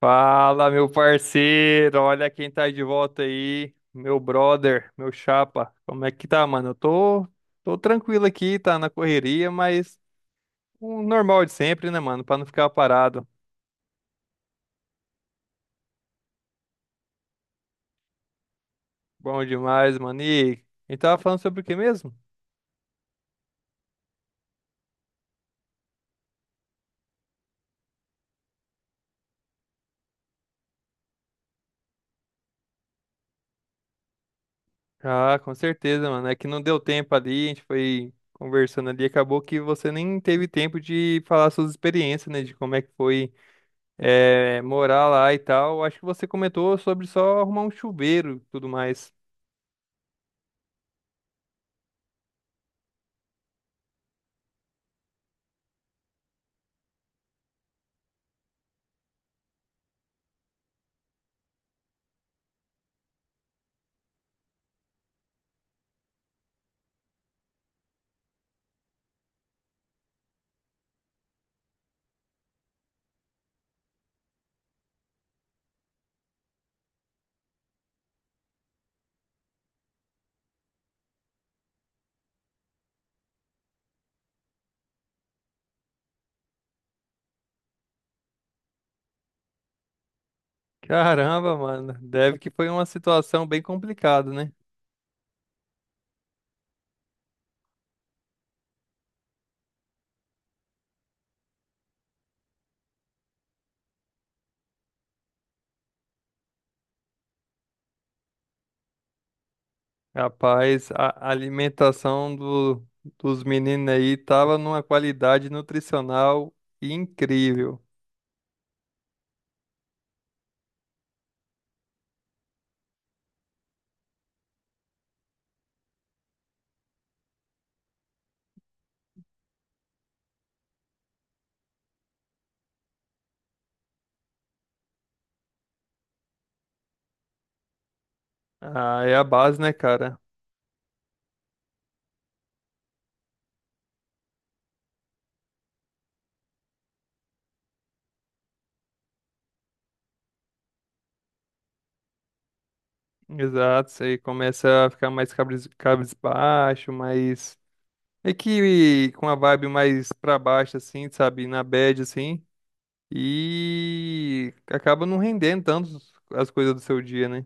Fala, meu parceiro, olha quem tá de volta aí, meu brother, meu chapa. Como é que tá, mano? Eu tô tranquilo aqui, tá na correria, mas o normal de sempre, né, mano? Pra não ficar parado. Bom demais, mano. E a gente tava falando sobre o que mesmo? Ah, com certeza, mano. É que não deu tempo ali, a gente foi conversando ali, acabou que você nem teve tempo de falar suas experiências, né? De como é que foi morar lá e tal. Acho que você comentou sobre só arrumar um chuveiro e tudo mais. Caramba, mano. Deve que foi uma situação bem complicada, né? Rapaz, a alimentação dos meninos aí tava numa qualidade nutricional incrível. Ah, é a base, né, cara? Exato, você começa a ficar mais cabres, cabisbaixo, mais. É que com a vibe mais pra baixo, assim, sabe? Na bad, assim. E acaba não rendendo tanto as coisas do seu dia, né?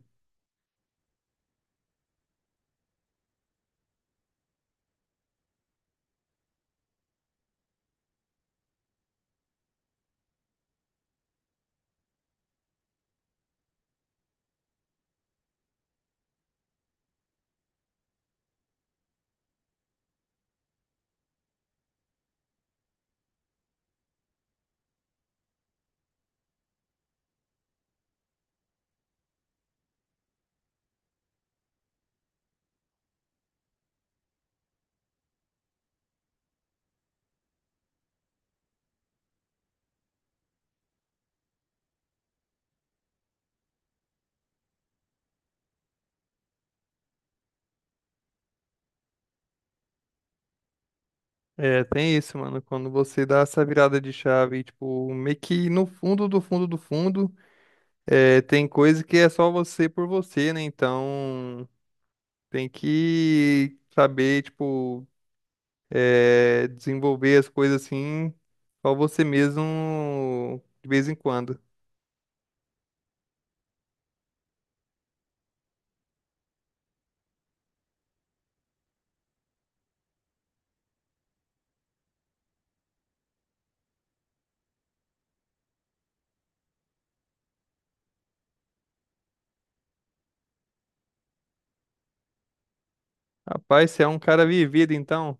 É, tem isso, mano. Quando você dá essa virada de chave, tipo, meio que no fundo do fundo do fundo, é, tem coisa que é só você por você, né? Então, tem que saber, tipo, é, desenvolver as coisas assim, só você mesmo de vez em quando. Rapaz, você é um cara vivido, então.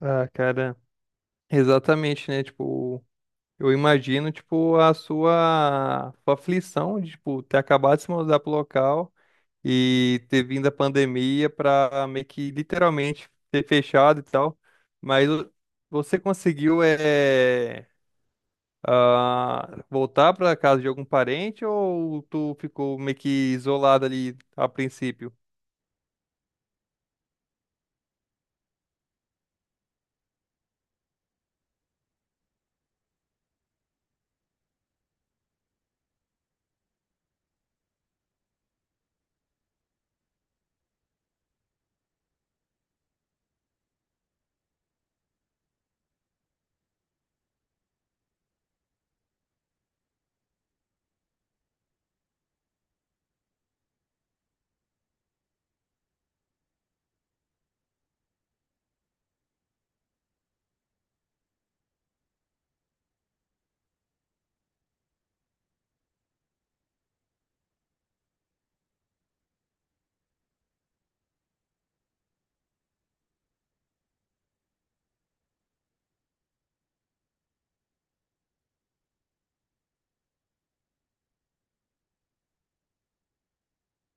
Ah, cara, exatamente, né? Tipo, eu imagino, tipo, a sua aflição de, tipo, ter acabado de se mudar pro local e ter vindo a pandemia para meio que literalmente ter fechado e tal. Mas o- Você conseguiu é, ah, voltar para casa de algum parente ou tu ficou meio que isolado ali a princípio?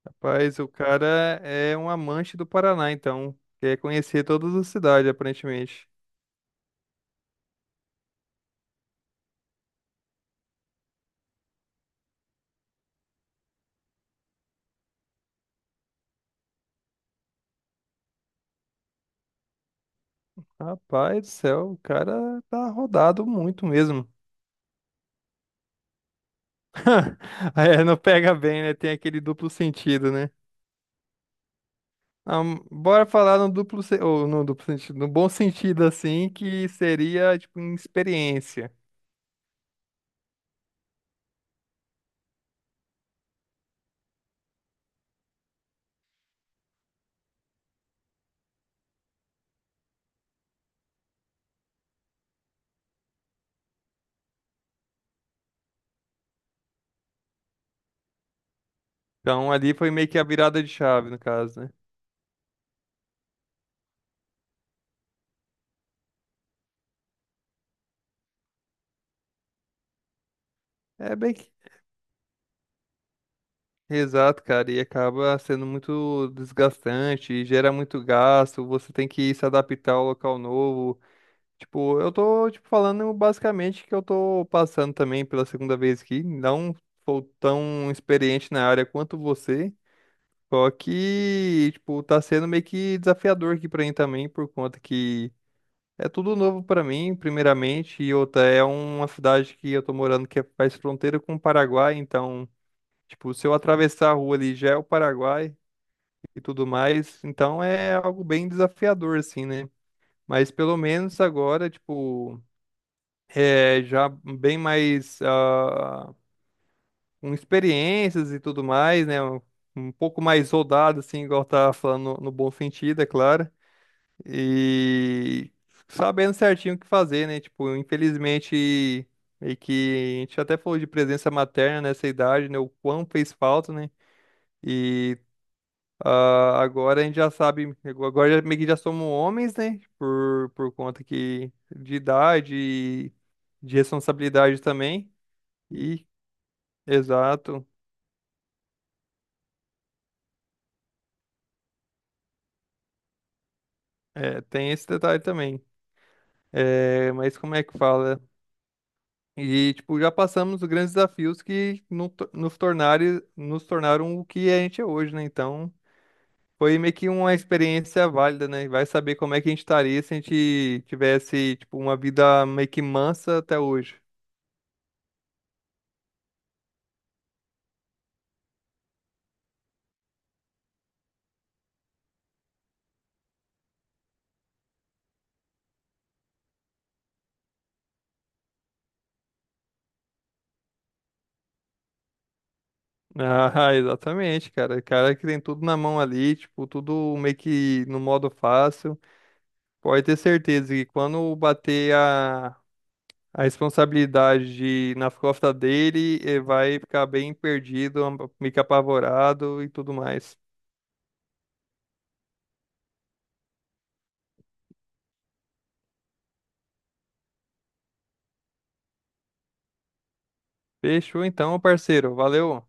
Rapaz, o cara é um amante do Paraná, então quer conhecer todas as cidades, aparentemente. Rapaz do céu, o cara tá rodado muito mesmo. É, não pega bem, né? Tem aquele duplo sentido, né? Bora falar no duplo, ou no duplo sentido, no bom sentido, assim, que seria, tipo, em experiência. Então, ali foi meio que a virada de chave, no caso, né? É bem que... Exato, cara, e acaba sendo muito desgastante, gera muito gasto, você tem que se adaptar ao local novo. Tipo, eu tô, tipo, falando basicamente que eu tô passando também pela segunda vez aqui, não sou tão experiente na área quanto você. Só que, tipo, tá sendo meio que desafiador aqui pra mim também, por conta que é tudo novo pra mim, primeiramente, e outra, é uma cidade que eu tô morando que é, faz fronteira com o Paraguai, então, tipo, se eu atravessar a rua ali já é o Paraguai e tudo mais, então é algo bem desafiador, assim, né? Mas pelo menos agora, tipo, é já bem mais com experiências e tudo mais, né? Um pouco mais rodado, assim, igual tá falando no bom sentido, é claro. E sabendo certinho o que fazer, né? Tipo, infelizmente, meio que a gente até falou de presença materna nessa idade, né? O quão fez falta, né? E agora a gente já sabe, meio que já somos homens, né? Por conta que de idade e de responsabilidade também. E, exato, é, tem esse detalhe também. É, mas como é que fala? E, tipo, já passamos os grandes desafios que nos tornaram o que a gente é hoje, né? Então, foi meio que uma experiência válida, né? E vai saber como é que a gente estaria se a gente tivesse, tipo, uma vida meio que mansa até hoje. Ah, exatamente, cara. Cara que tem tudo na mão ali, tipo, tudo meio que no modo fácil. Pode ter certeza que quando bater a responsabilidade na costa dele vai ficar bem perdido, meio que apavorado e tudo mais. Fechou então, parceiro. Valeu.